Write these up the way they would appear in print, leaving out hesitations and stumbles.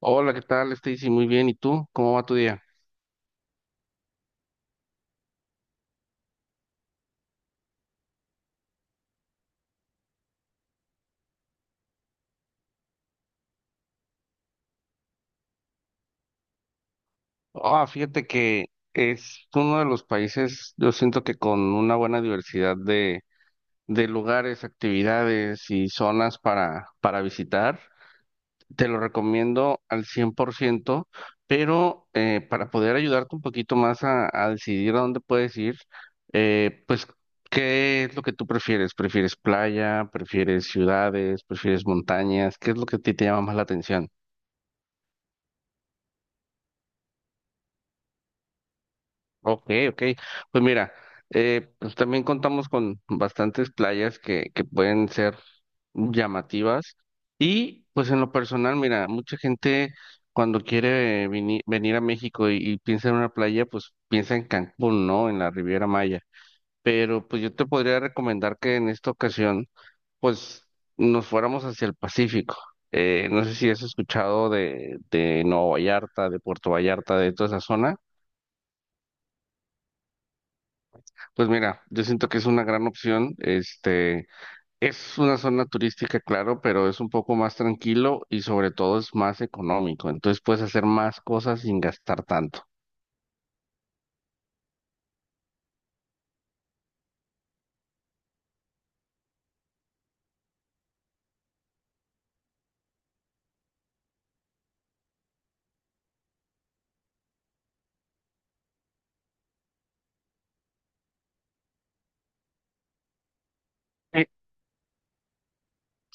Hola, ¿qué tal, Stacy? Muy bien. ¿Y tú? ¿Cómo va tu día? Ah, fíjate que es uno de los países, yo siento que con una buena diversidad de lugares, actividades y zonas para visitar. Te lo recomiendo al 100%. Pero para poder ayudarte un poquito más a decidir a dónde puedes ir, eh, pues, ¿qué es lo que tú prefieres? ¿Prefieres playa? ¿Prefieres ciudades? ¿Prefieres montañas? ¿Qué es lo que a ti te llama más la atención? Ok, ok. Pues mira, pues también contamos con bastantes playas que pueden ser llamativas. Y pues en lo personal, mira, mucha gente cuando quiere venir a México y piensa en una playa, pues piensa en Cancún, ¿no? En la Riviera Maya. Pero pues yo te podría recomendar que en esta ocasión, pues nos fuéramos hacia el Pacífico. No sé si has escuchado de Nueva Vallarta, de Puerto Vallarta, de toda esa zona. Pues mira, yo siento que es una gran opción. Este, es una zona turística, claro, pero es un poco más tranquilo y sobre todo es más económico. Entonces puedes hacer más cosas sin gastar tanto. Eh,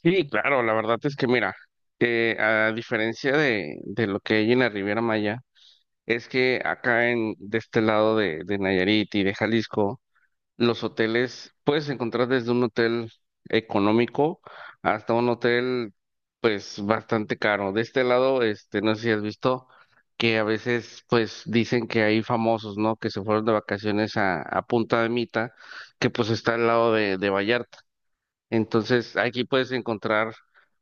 Sí, claro, la verdad es que mira, a diferencia de lo que hay en la Riviera Maya, es que acá en de este lado de Nayarit y de Jalisco. Los hoteles, puedes encontrar desde un hotel económico hasta un hotel, pues, bastante caro. De este lado, este, no sé si has visto que a veces, pues, dicen que hay famosos, ¿no? Que se fueron de vacaciones a Punta de Mita, que pues está al lado de Vallarta. Entonces, aquí puedes encontrar,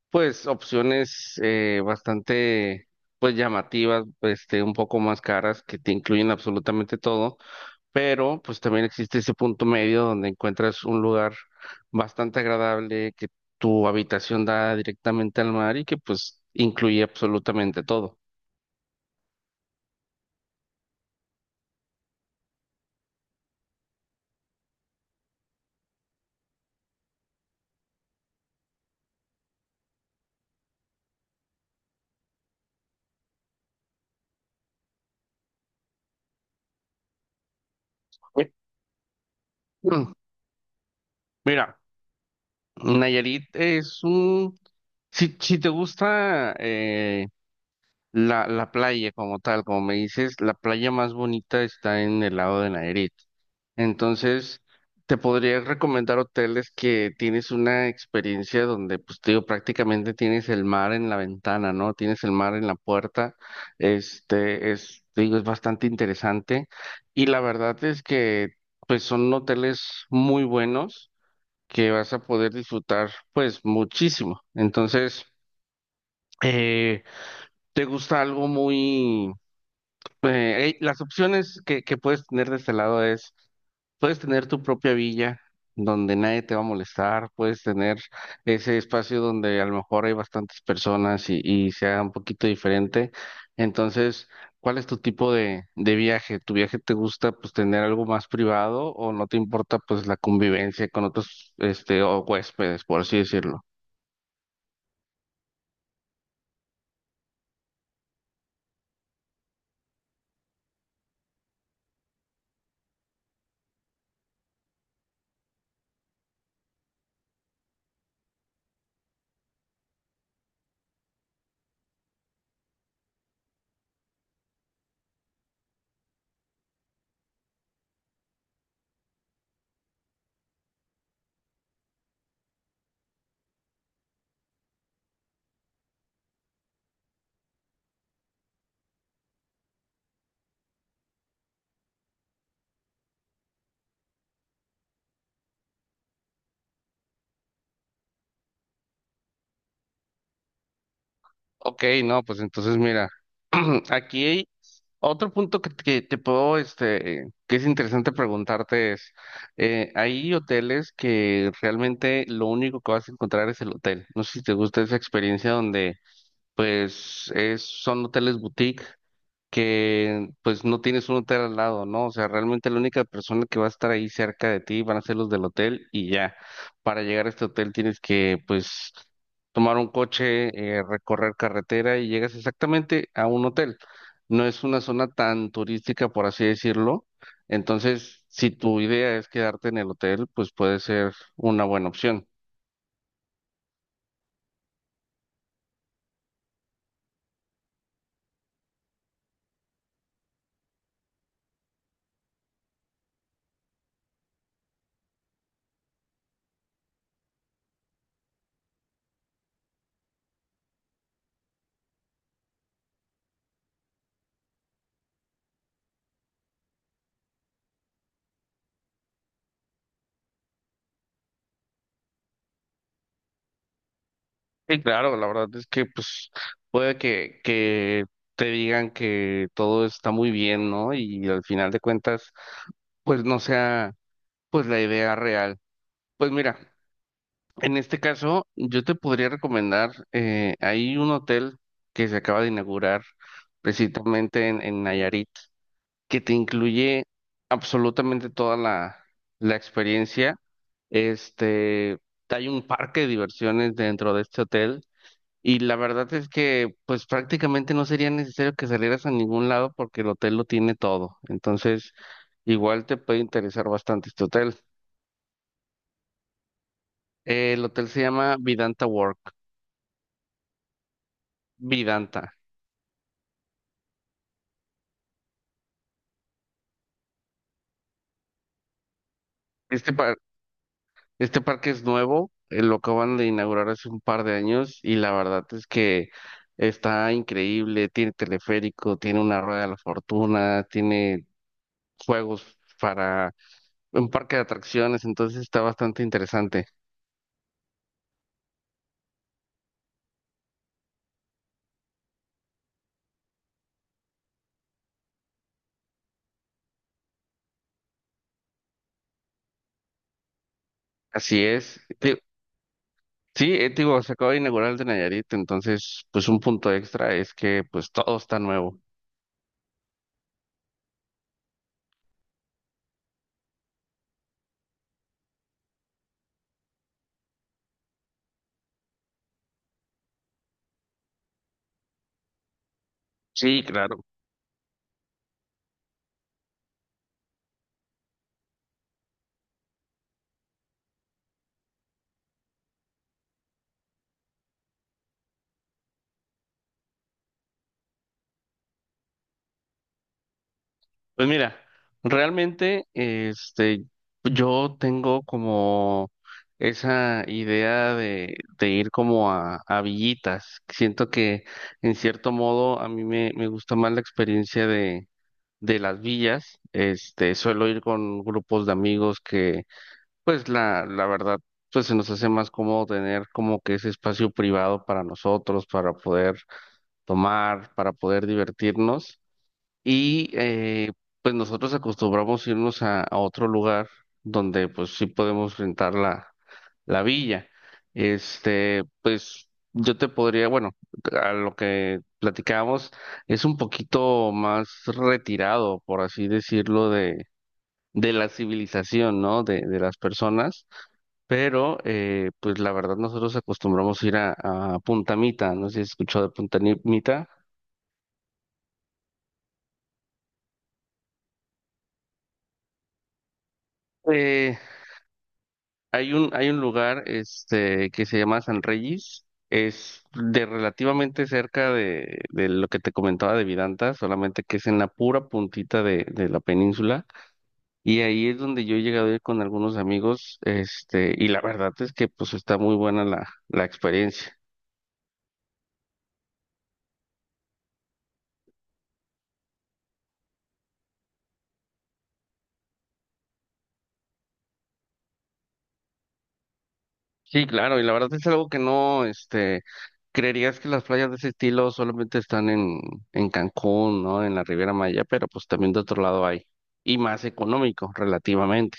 pues, opciones bastante, pues, llamativas, este, un poco más caras, que te incluyen absolutamente todo. Pero pues también existe ese punto medio donde encuentras un lugar bastante agradable, que tu habitación da directamente al mar y que pues incluye absolutamente todo. Mm. Mira, Nayarit es un... Si, si te gusta... la playa como tal, como me dices, la playa más bonita está en el lado de Nayarit. Entonces, te podría recomendar hoteles que tienes una experiencia donde, pues, te digo, prácticamente tienes el mar en la ventana, ¿no? Tienes el mar en la puerta. Este es, te digo, es bastante interesante. Y la verdad es que, pues, son hoteles muy buenos que vas a poder disfrutar, pues, muchísimo. Entonces, eh, ¿te gusta algo muy... las opciones que puedes tener de este lado es, puedes tener tu propia villa donde nadie te va a molestar, puedes tener ese espacio donde a lo mejor hay bastantes personas y sea un poquito diferente. Entonces, ¿cuál es tu tipo de viaje? ¿Tu viaje te gusta pues tener algo más privado o no te importa pues la convivencia con otros este o huéspedes, por así decirlo? Ok, no, pues entonces mira. Aquí hay otro punto que te puedo, este, que es interesante preguntarte es, hay hoteles que realmente lo único que vas a encontrar es el hotel. No sé si te gusta esa experiencia donde, pues, es, son hoteles boutique que pues no tienes un hotel al lado, ¿no? O sea, realmente la única persona que va a estar ahí cerca de ti van a ser los del hotel y ya. Para llegar a este hotel tienes que pues tomar un coche, recorrer carretera y llegas exactamente a un hotel. No es una zona tan turística, por así decirlo. Entonces, si tu idea es quedarte en el hotel, pues puede ser una buena opción. Sí, claro, la verdad es que pues puede que te digan que todo está muy bien, ¿no? Y al final de cuentas, pues no sea pues la idea real. Pues mira, en este caso yo te podría recomendar, hay un hotel que se acaba de inaugurar precisamente en Nayarit, que te incluye absolutamente toda la experiencia. Este, hay un parque de diversiones dentro de este hotel y la verdad es que pues prácticamente no sería necesario que salieras a ningún lado porque el hotel lo tiene todo. Entonces, igual te puede interesar bastante este hotel. El hotel se llama Vidanta Work. Vidanta. Este par- este parque es nuevo, lo acaban de inaugurar hace un par de años y la verdad es que está increíble. Tiene teleférico, tiene una rueda de la fortuna, tiene juegos para un parque de atracciones, entonces está bastante interesante. Así es. Sí, digo, se acaba de inaugurar el de Nayarit, entonces, pues un punto extra es que pues todo está nuevo. Sí, claro. Pues mira, realmente, este, yo tengo como esa idea de ir como a villitas. Siento que en cierto modo a mí me gusta más la experiencia de las villas. Este, suelo ir con grupos de amigos que pues la verdad, pues se nos hace más cómodo tener como que ese espacio privado para nosotros, para poder tomar, para poder divertirnos. Y pues nosotros acostumbramos irnos a otro lugar donde pues sí podemos rentar la villa. Este, pues yo te podría, bueno, a lo que platicábamos, es un poquito más retirado, por así decirlo, de la civilización, ¿no? De las personas. Pero, pues la verdad, nosotros acostumbramos ir a Punta Mita, no sé si has escuchado de Punta Ni- Mita. Eh, Hay un, hay un lugar este, que se llama San Reyes, es de relativamente cerca de lo que te comentaba de Vidanta, solamente que es en la pura puntita de la península. Y ahí es donde yo he llegado a ir con algunos amigos, este, y la verdad es que pues está muy buena la experiencia. Sí, claro, y la verdad es algo que no, este... Creerías que las playas de ese estilo solamente están en Cancún, ¿no? En la Riviera Maya, pero pues también de otro lado hay. Y más económico, relativamente.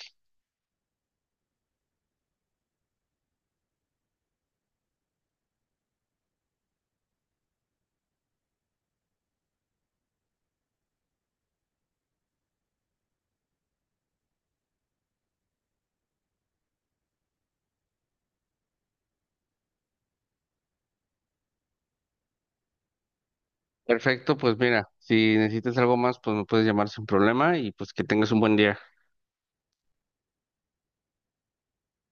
Perfecto, pues mira, si necesitas algo más, pues me puedes llamar sin problema y pues que tengas un buen día.